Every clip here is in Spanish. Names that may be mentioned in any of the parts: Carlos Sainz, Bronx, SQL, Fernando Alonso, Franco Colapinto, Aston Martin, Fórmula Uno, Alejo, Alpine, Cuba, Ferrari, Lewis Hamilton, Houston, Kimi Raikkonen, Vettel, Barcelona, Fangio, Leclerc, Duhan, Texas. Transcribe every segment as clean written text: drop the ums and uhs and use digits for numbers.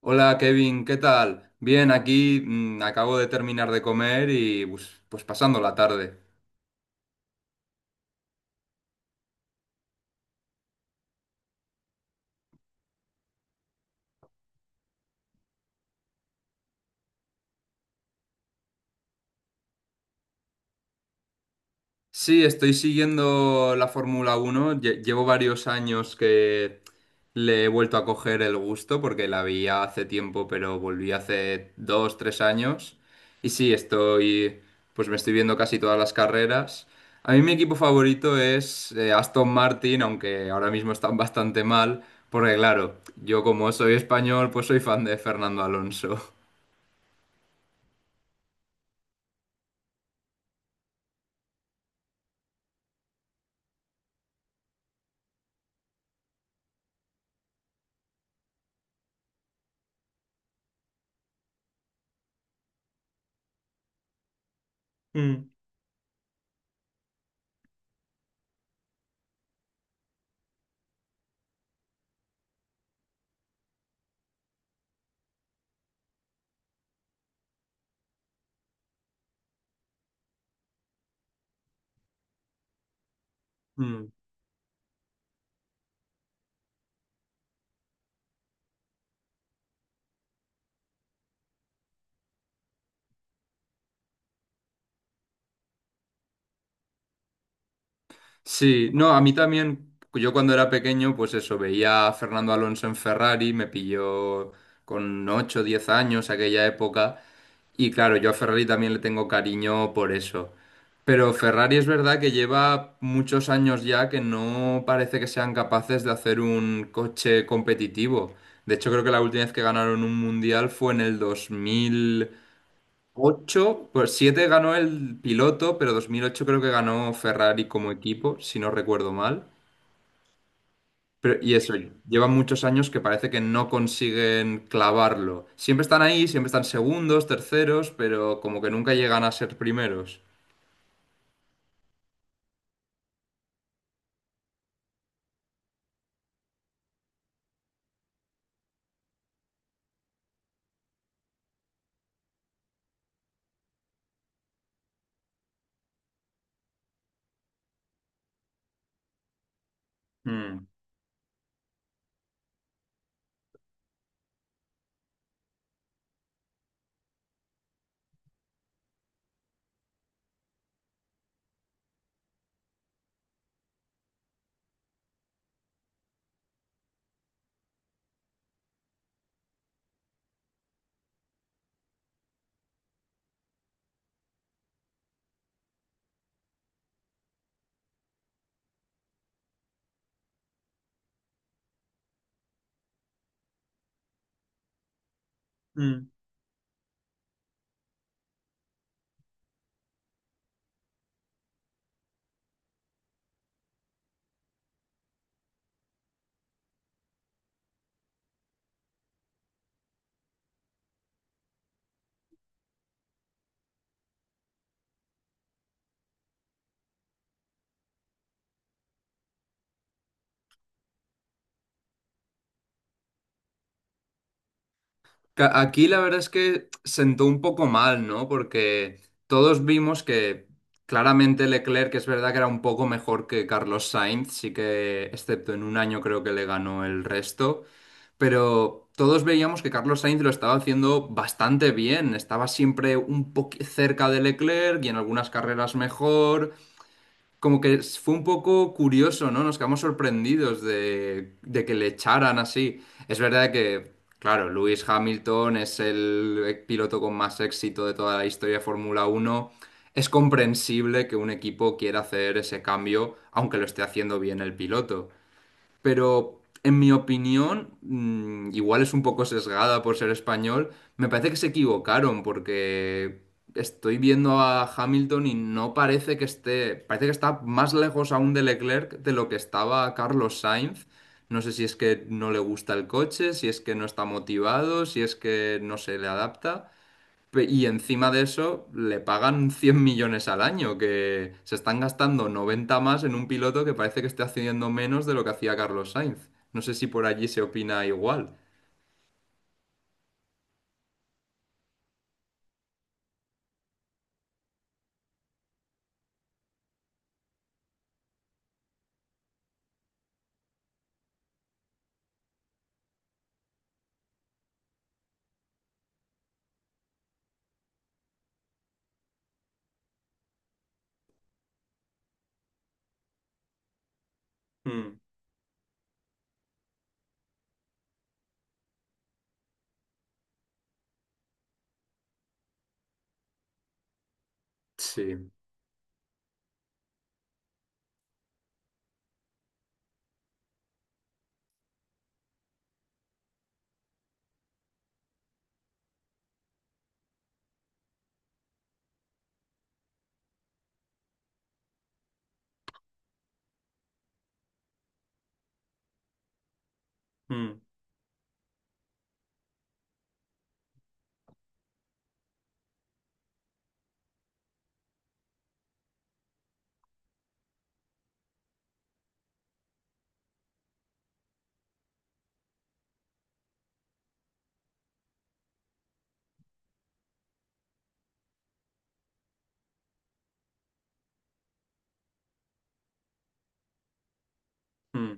Hola Kevin, ¿qué tal? Bien, aquí acabo de terminar de comer y pues pasando la tarde. Sí, estoy siguiendo la Fórmula Uno. Llevo varios años que le he vuelto a coger el gusto porque la veía hace tiempo, pero volví hace dos, tres años. Y sí, pues me estoy viendo casi todas las carreras. A mí mi equipo favorito es Aston Martin, aunque ahora mismo están bastante mal, porque claro, yo como soy español, pues soy fan de Fernando Alonso. Mm. Mm. Sí, no, a mí también, yo cuando era pequeño, pues eso, veía a Fernando Alonso en Ferrari, me pilló con 8, o 10 años aquella época, y claro, yo a Ferrari también le tengo cariño por eso. Pero Ferrari es verdad que lleva muchos años ya que no parece que sean capaces de hacer un coche competitivo. De hecho, creo que la última vez que ganaron un mundial fue en el 2000 8 por 7 ganó el piloto, pero 2008 creo que ganó Ferrari como equipo, si no recuerdo mal. Pero, y eso, llevan muchos años que parece que no consiguen clavarlo. Siempre están ahí, siempre están segundos, terceros, pero como que nunca llegan a ser primeros. Mm. Mm. Aquí la verdad es que sentó un poco mal, ¿no? Porque todos vimos que claramente Leclerc, que es verdad que era un poco mejor que Carlos Sainz, sí que, excepto en un año creo que le ganó el resto, pero todos veíamos que Carlos Sainz lo estaba haciendo bastante bien, estaba siempre un poco cerca de Leclerc y en algunas carreras mejor como que fue un poco curioso, ¿no? Nos quedamos sorprendidos de que le echaran así. Es verdad que, claro, Lewis Hamilton es el piloto con más éxito de toda la historia de Fórmula Uno. Es comprensible que un equipo quiera hacer ese cambio, aunque lo esté haciendo bien el piloto, pero en mi opinión, igual es un poco sesgada por ser español, me parece que se equivocaron porque estoy viendo a Hamilton y no parece que esté, parece que está más lejos aún de Leclerc de lo que estaba Carlos Sainz. No sé si es que no le gusta el coche, si es que no está motivado, si es que no se le adapta. Y encima de eso le pagan 100 millones al año, que se están gastando 90 más en un piloto que parece que está haciendo menos de lo que hacía Carlos Sainz. No sé si por allí se opina igual. Mm, sí. Mm, mm.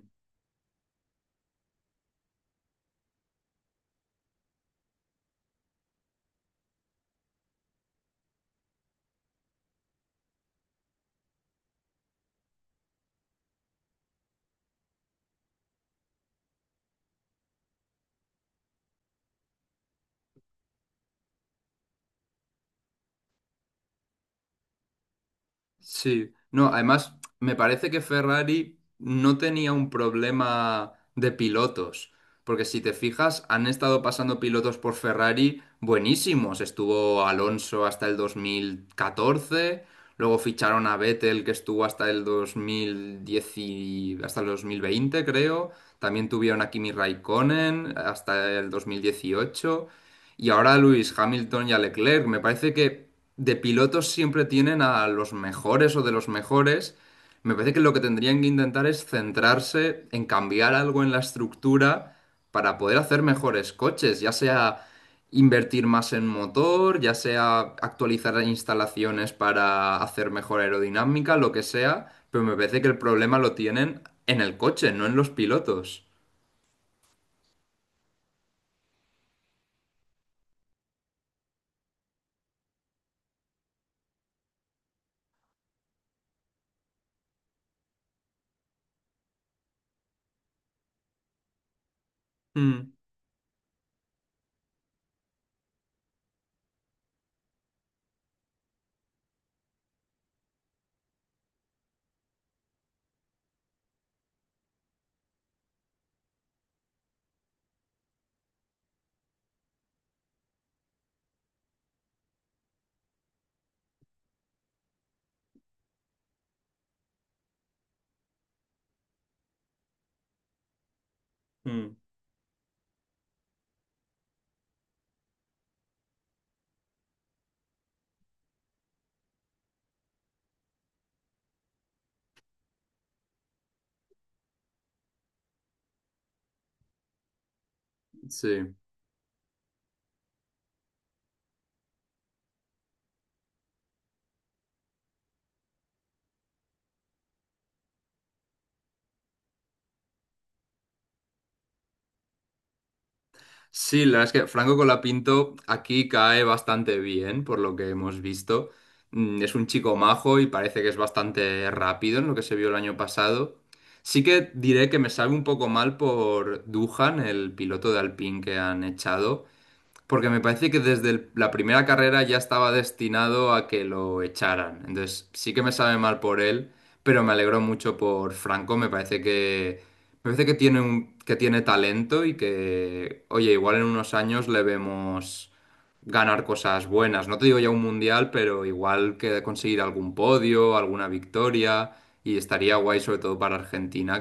Sí, no, además me parece que Ferrari no tenía un problema de pilotos, porque si te fijas, han estado pasando pilotos por Ferrari buenísimos. Estuvo Alonso hasta el 2014, luego ficharon a Vettel que estuvo hasta el 2010 hasta el 2020, creo. También tuvieron a Kimi Raikkonen hasta el 2018. Y ahora Luis Hamilton y a Leclerc, me parece que de pilotos siempre tienen a los mejores o de los mejores. Me parece que lo que tendrían que intentar es centrarse en cambiar algo en la estructura para poder hacer mejores coches, ya sea invertir más en motor, ya sea actualizar las instalaciones para hacer mejor aerodinámica, lo que sea, pero me parece que el problema lo tienen en el coche, no en los pilotos. Mm, mm. Sí. Sí, la verdad es que Franco Colapinto aquí cae bastante bien, por lo que hemos visto. Es un chico majo y parece que es bastante rápido en lo que se vio el año pasado. Sí que diré que me sabe un poco mal por Duhan, el piloto de Alpine que han echado. Porque me parece que desde la primera carrera ya estaba destinado a que lo echaran. Entonces sí que me sabe mal por él, pero me alegro mucho por Franco. Me parece que tiene un, que tiene talento y que, oye, igual en unos años le vemos ganar cosas buenas. No te digo ya un mundial, pero igual que conseguir algún podio, alguna victoria. Y estaría guay sobre todo para Argentina.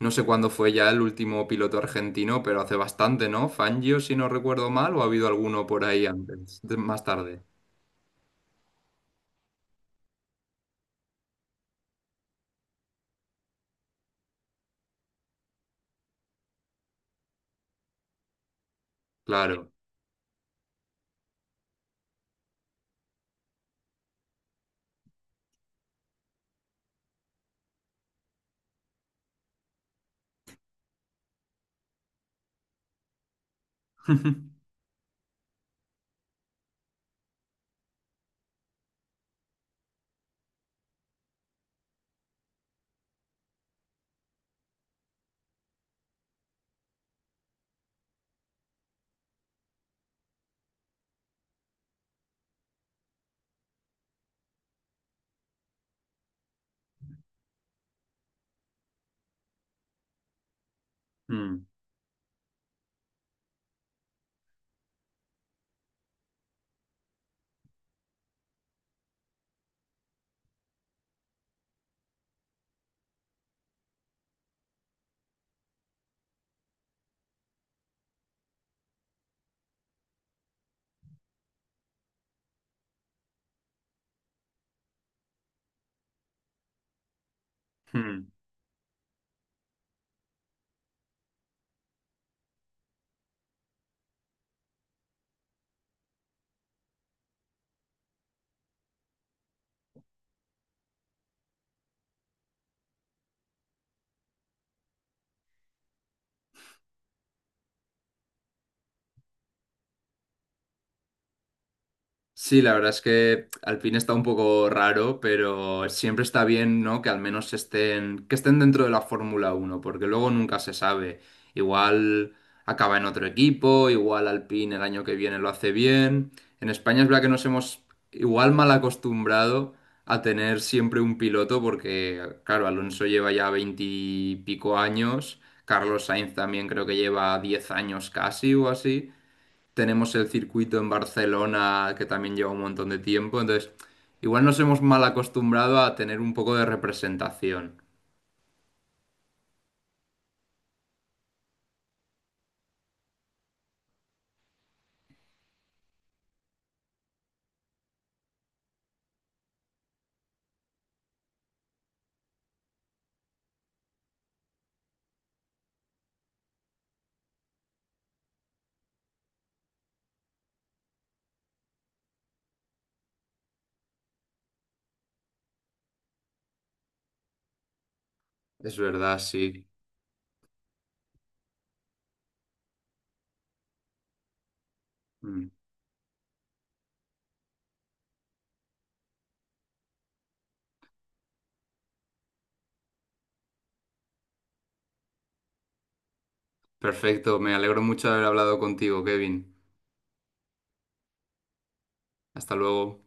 No sé cuándo fue ya el último piloto argentino, pero hace bastante, ¿no? Fangio, si no recuerdo mal, o ha habido alguno por ahí antes, más tarde. Claro. Mm, mm. Sí, la verdad es que Alpine está un poco raro, pero siempre está bien, ¿no? Que al menos estén, que estén dentro de la Fórmula Uno, porque luego nunca se sabe. Igual acaba en otro equipo, igual Alpine el año que viene lo hace bien. En España es verdad que nos hemos igual mal acostumbrado a tener siempre un piloto, porque, claro, Alonso lleva ya veintipico años, Carlos Sainz también creo que lleva 10 años casi o así. Tenemos el circuito en Barcelona que también lleva un montón de tiempo, entonces igual nos hemos mal acostumbrado a tener un poco de representación. Es verdad, sí. Mm. Perfecto, me alegro mucho de haber hablado contigo, Kevin. Hasta luego.